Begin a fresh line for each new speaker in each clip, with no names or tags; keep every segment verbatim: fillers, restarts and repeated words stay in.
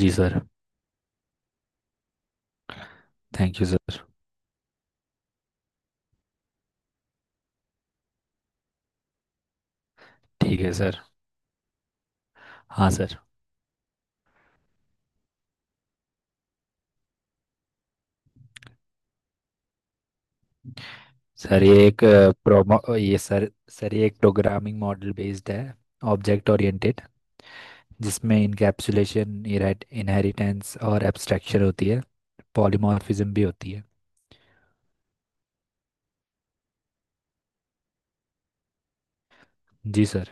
Ji sir. Thank you sir. ठीक है sir. हाँ सर। सर ये एक अ, प्रोमो ये सर सर ये एक प्रोग्रामिंग मॉडल बेस्ड है। Object oriented. जिसमें इनकैप्सुलेशन इनहेरिटेंस और एब्स्ट्रैक्शन होती है। पॉलीमॉर्फिज्म भी होती है। जी सर।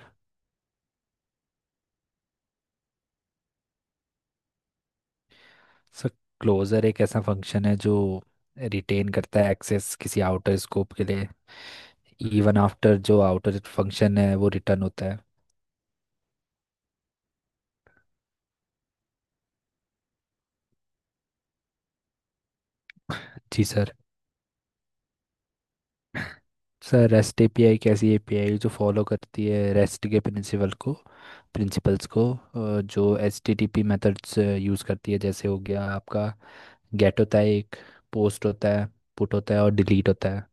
सर क्लोजर एक ऐसा फंक्शन है जो रिटेन करता है एक्सेस किसी आउटर स्कोप के लिए इवन आफ्टर जो आउटर फंक्शन है वो रिटर्न होता है। जी सर। सर रेस्ट एपीआई कैसी एपीआई जो फॉलो करती है रेस्ट के प्रिंसिपल को प्रिंसिपल्स को अ, जो एचटीटीपी मेथड्स यूज़ करती है जैसे हो गया आपका गेट होता है एक पोस्ट होता है पुट होता है और डिलीट होता है।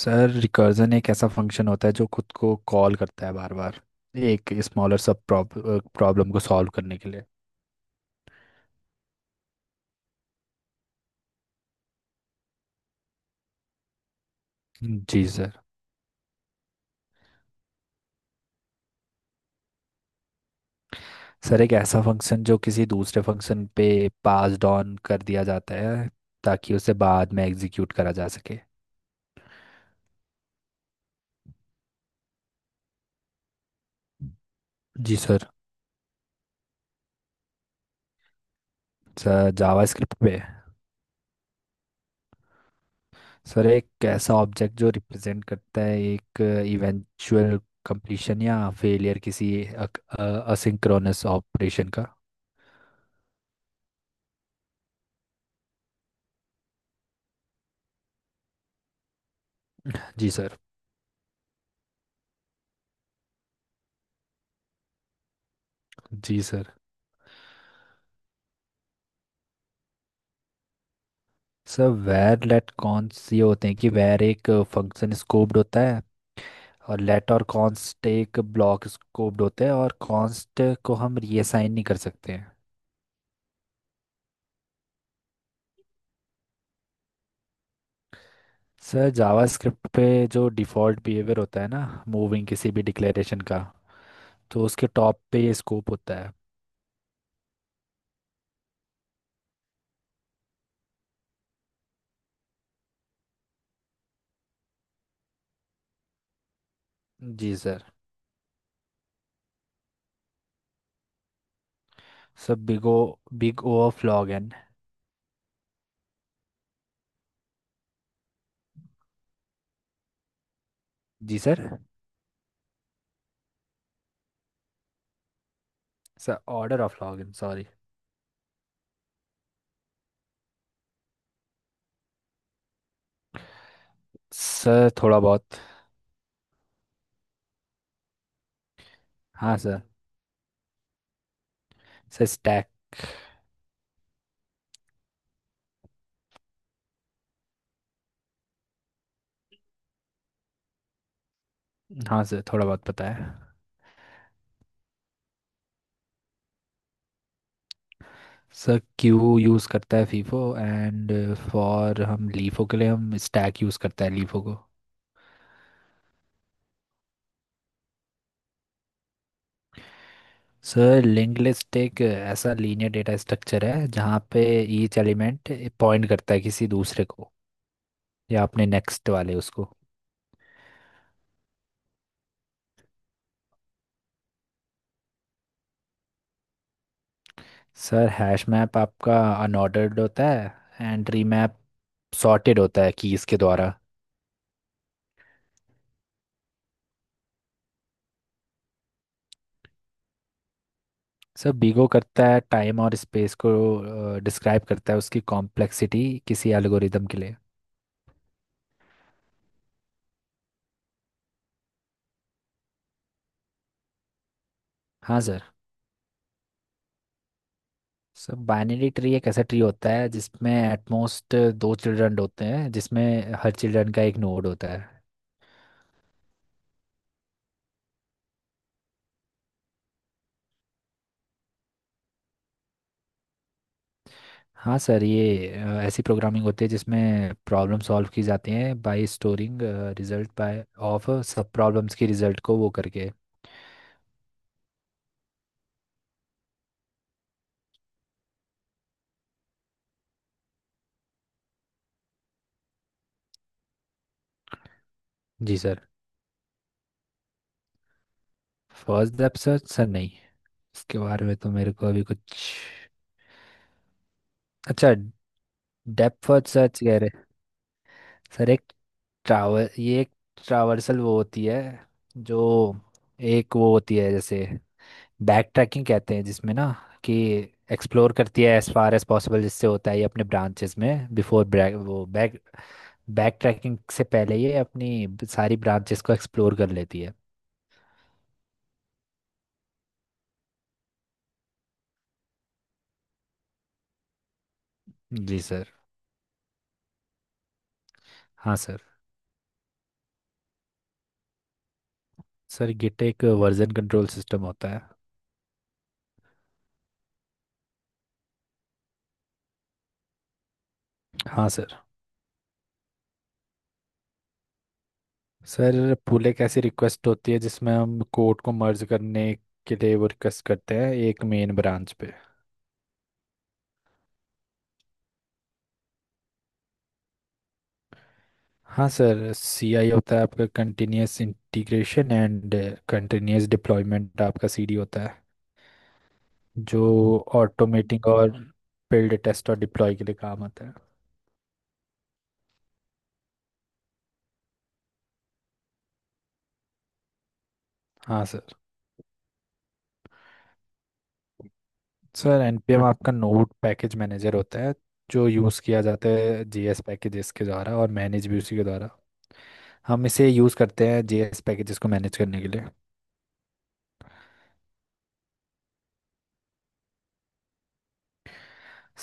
सर रिकर्जन एक ऐसा फंक्शन होता है जो खुद को कॉल करता है बार बार एक स्मॉलर सब प्रॉब्लम को सॉल्व करने के लिए। जी सर। सर एक ऐसा फंक्शन जो किसी दूसरे फंक्शन पे पास्ड ऑन कर दिया जाता है ताकि उसे बाद में एग्जीक्यूट करा जा सके। जी सर। सर जावास्क्रिप्ट पे। सर एक ऐसा ऑब्जेक्ट जो रिप्रेजेंट करता है एक इवेंचुअल कंप्लीशन या फेलियर किसी असिंक्रोनस ऑपरेशन का। जी सर। जी sir. Sir var let const ये होते हैं कि वेर एक फंक्शन स्कोप्ड होता है और लेट और कॉन्स्ट एक ब्लॉक स्कोप्ड होते हैं और कॉन्स्ट को हम रीअसाइन नहीं कर सकते हैं। सर जावास्क्रिप्ट पे जो डिफ़ॉल्ट बिहेवियर होता है ना मूविंग किसी भी डिक्लेरेशन का तो उसके टॉप पे ये स्कोप होता है। जी sir. Sir big O big O of log n. जी sir. Sir order of log n sorry. Sir थोड़ा बहुत। हाँ सर। Sir stack. हाँ सर थोड़ा बहुत पता है। सर क्यू यूज़ करता है फीफो एंड फॉर हम लीफो के लिए हम स्टैक यूज़ करता है लीफो को। सर लिंक लिस्ट एक ऐसा लीनियर डेटा स्ट्रक्चर है जहाँ पे ईच एलिमेंट पॉइंट करता है किसी दूसरे को या अपने नेक्स्ट वाले उसको। सर हैश मैप आपका अनऑर्डर्ड होता है एंड ट्री मैप सॉर्टेड होता है कीज़ के द्वारा। सर बीगो करता है टाइम और स्पेस को डिस्क्राइब करता है उसकी कॉम्प्लेक्सिटी किसी एल्गोरिदम के लिए। हाँ सर। सर बाइनरी ट्री एक ऐसा ट्री होता है जिसमें एटमोस्ट दो चिल्ड्रन होते हैं जिसमें हर चिल्ड्रन का एक नोड होता है। हाँ सर ये अ, ऐसी प्रोग्रामिंग होती है जिसमें प्रॉब्लम सॉल्व की जाती है by storing result by of sub problems की रिजल्ट को वो करके। जी sir. First depth search sir नहीं इसके बारे में तो मेरे को अभी कुछ। अच्छा। डेप्थ फर्स्ट सर्च कह रहे। सर एक ट्रावर ये एक ट्रावर्सल वो होती है जो एक वो होती है जैसे बैक ट्रैकिंग कहते हैं जिसमें ना कि एक्सप्लोर करती है एज फार एज पॉसिबल जिससे होता है ये अपने ब्रांचेस में बिफोर ब्रैक वो बैक बैक ट्रैकिंग से पहले ये अपनी ब- सारी ब्रांचेस को एक्सप्लोर कर लेती है। जी सर। हाँ सर। सर गिट एक वर्जन कंट्रोल सिस्टम होता है। हाँ सर। सर पूले कैसी रिक्वेस्ट होती है जिसमें हम कोर्ट को मर्ज करने के लिए वो रिक्वेस्ट करते हैं एक मेन ब्रांच पे। हाँ सर सीआई होता है आपका continuous integration and continuous deployment आपका सीडी होता है जो ऑटोमेटिंग और बिल्ड टेस्ट और डिप्लॉय के लिए काम आता है। हाँ सर। सर एनपीएम आपका नोड पैकेज मैनेजर होता है जो यूज़ किया जाता है जीएस पैकेजेस के द्वारा और मैनेज भी उसी के द्वारा हम इसे यूज़ करते हैं जीएस पैकेजेस को मैनेज करने के लिए।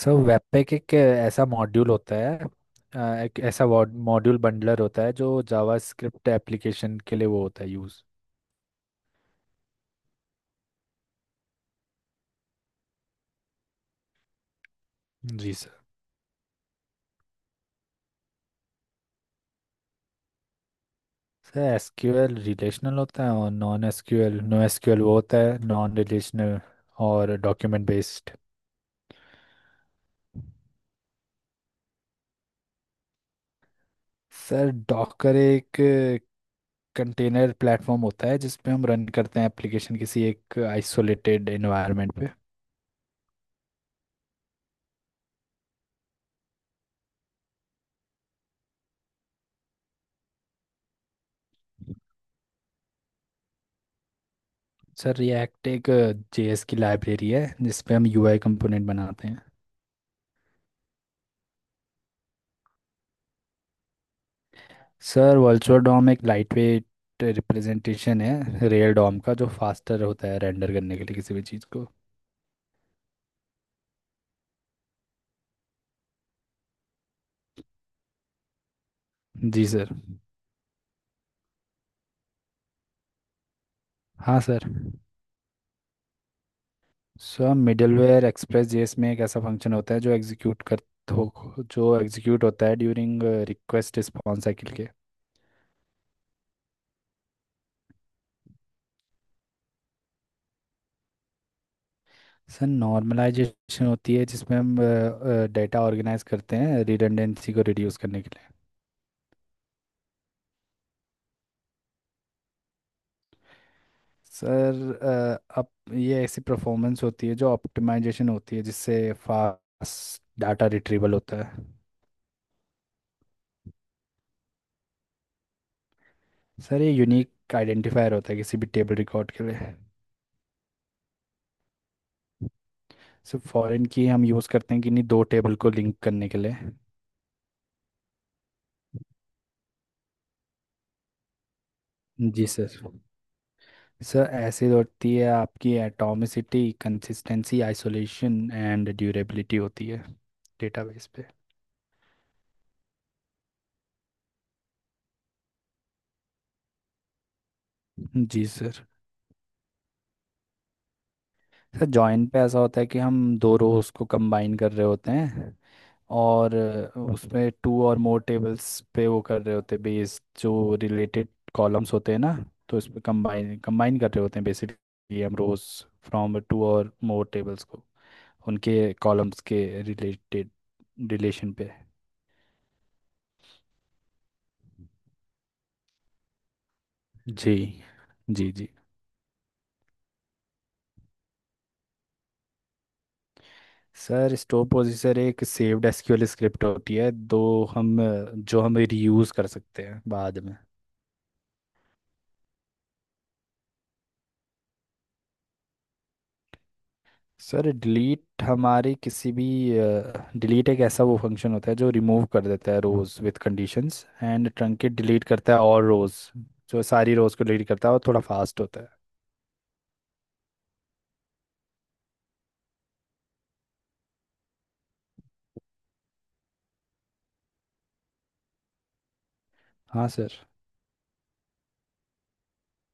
सो वेबपैक एक ऐसा मॉड्यूल होता है अ, एक ऐसा मॉड्यूल बंडलर होता है जो जावास्क्रिप्ट एप्लीकेशन के लिए वो होता है यूज़। जी सर। सर एसक्यूएल रिलेशनल होता है और नॉन एसक्यूएल नो एसक्यूएल वो होता है नॉन रिलेशनल और डॉक्यूमेंट बेस्ड। सर डॉकर एक कंटेनर प्लेटफॉर्म होता है जिसपे हम रन करते हैं एप्लीकेशन किसी एक आइसोलेटेड एनवायरनमेंट पे। सर रिएक्ट एक जेएस की लाइब्रेरी है जिसपे हम यूआई कंपोनेंट बनाते हैं। सर वर्चुअल डॉम एक लाइटवेट रिप्रेजेंटेशन है रियल डॉम का जो फास्टर होता है रेंडर करने के लिए किसी भी चीज़ को। जी सर। हाँ sir. Sir middleware express JS में एक ऐसा फंक्शन होता है जो एग्जीक्यूट कर हो जो एग्जीक्यूट होता है ड्यूरिंग रिक्वेस्ट रिस्पॉन्स साइकिल के। सर नॉर्मलाइजेशन होती है जिसमें हम डेटा ऑर्गेनाइज करते हैं रिडंडेंसी को रिड्यूस करने के लिए। सर अ, अप ये ऐसी परफॉर्मेंस होती है जो ऑप्टिमाइजेशन होती है जिससे फास्ट डाटा रिट्रीवल होता है। सर ये यूनिक आइडेंटिफायर होता है किसी भी टेबल रिकॉर्ड के लिए। सर फॉरेन की हम यूज़ करते हैं किन्हीं दो टेबल को लिंक करने के लिए। जी सर। सर ऐसी होती है आपकी atomicity consistency isolation and durability होती है डेटाबेस पे। जी सर। सर जॉइन पे ऐसा होता है कि हम दो रोज को कंबाइन कर रहे होते हैं और अ, उसमें टू और मोर टेबल्स पे वो कर रहे होते हैं बेस जो रिलेटेड कॉलम्स होते हैं ना तो इस पे कंबाइन कंबाइन कर रहे होते हैं बेसिकली हम rows from two or more tables को उनके कॉलम्स के रिलेटेड रिलेशन पे। जी। जी जी। सर स्टोर पोजीशनर एक सेव्ड एसक्यूएल स्क्रिप्ट होती है दो हम अ, जो हम रीयूज़ कर सकते हैं बाद में। सर डिलीट हमारे किसी भी डिलीट एक ऐसा वो फंक्शन होता है जो रिमूव कर देता है rows with conditions and truncate delete करता है और रोज़ जो सारी रोज़ को डिलीट करता है और थोड़ा फास्ट होता है। हाँ सर।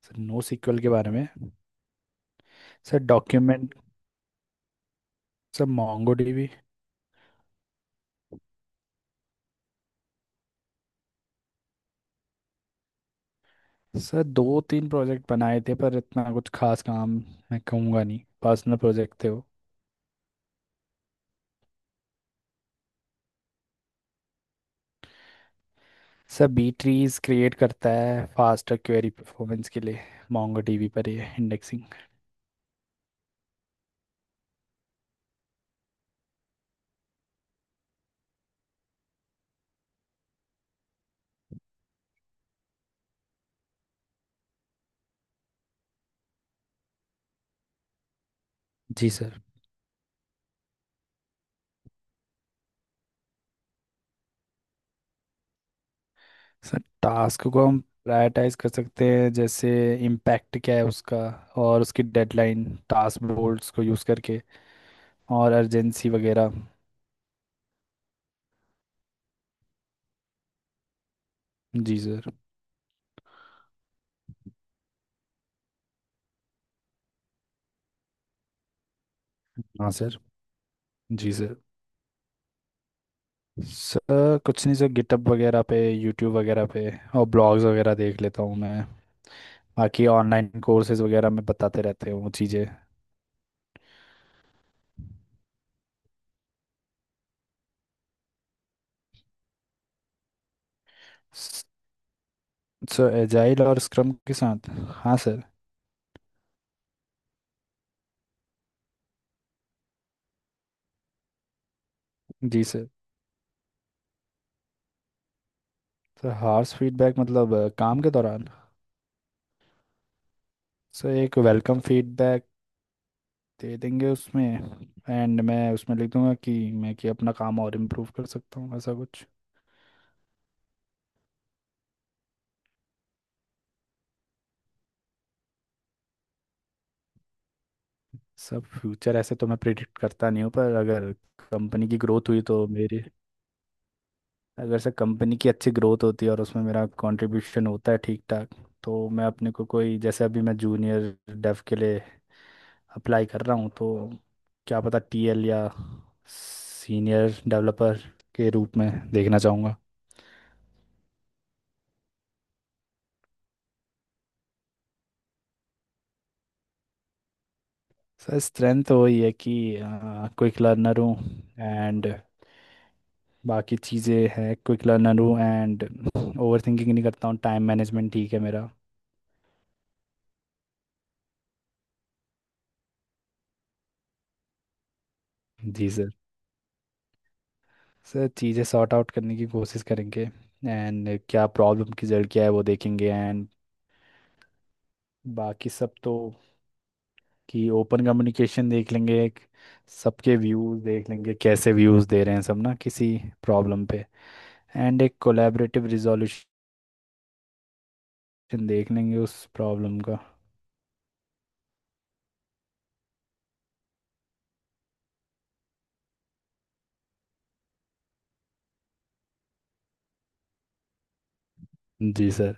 सर नो सीक्वल के बारे में। Sir document. Sir Mongo DB. Sir दो तीन प्रोजेक्ट बनाए थे पर इतना कुछ खास काम मैं कहूँगा नहीं पर्सनल प्रोजेक्ट थे वो। सर बी ट्रीज क्रिएट करता है फास्टर क्वेरी परफॉर्मेंस के लिए मोंगो डीबी पर ये इंडेक्सिंग। जी सर। सर टास्क को हम प्रायोरिटाइज कर सकते हैं जैसे इम्पैक्ट क्या है उसका और उसकी डेडलाइन टास्क बोर्ड्स को यूज़ करके और अर्जेंसी वगैरह। जी सर। हाँ सर। जी सर। सर कुछ नहीं सर गिटअप वगैरह पे यूट्यूब वगैरह पे और ब्लॉग्स वगैरह देख लेता हूँ मैं बाकी ऑनलाइन कोर्सेज वगैरह में बताते रहते हैं वो चीज़ें। सर एजाइल और स्क्रम के साथ। हाँ सर। जी सर। सर हार्स फीडबैक मतलब अ, काम के दौरान। सर एक वेलकम फीडबैक दे देंगे उसमें एंड मैं उसमें लिख दूंगा कि मैं कि अपना काम और इम्प्रूव कर सकता हूँ ऐसा कुछ। सब फ्यूचर ऐसे तो मैं प्रिडिक्ट करता नहीं हूँ पर अगर कंपनी की ग्रोथ हुई तो मेरे अगर से कंपनी की अच्छी ग्रोथ होती है और उसमें मेरा कंट्रीब्यूशन होता है ठीक ठाक तो मैं अपने को कोई जैसे अभी मैं जूनियर डेव के लिए अप्लाई कर रहा हूँ तो क्या पता टीएल या सीनियर डेवलपर के रूप में देखना चाहूँगा। सर स्ट्रेंथ तो वही है कि क्विक लर्नर हूँ एंड बाकी चीज़ें हैं क्विक लर्नर हूँ एंड ओवर थिंकिंग नहीं करता हूँ टाइम मैनेजमेंट ठीक है मेरा। जी सर। सर चीज़ें सॉर्ट आउट करने की कोशिश करेंगे एंड क्या प्रॉब्लम की जड़ क्या है वो देखेंगे एंड बाकी सब तो कि ओपन कम्युनिकेशन देख लेंगे एक सबके व्यूज़ देख लेंगे कैसे व्यूज़ दे रहे हैं सब ना किसी प्रॉब्लम पे एंड एक कोलैबोरेटिव रिजोल्यूशन देख लेंगे उस प्रॉब्लम का। जी सर।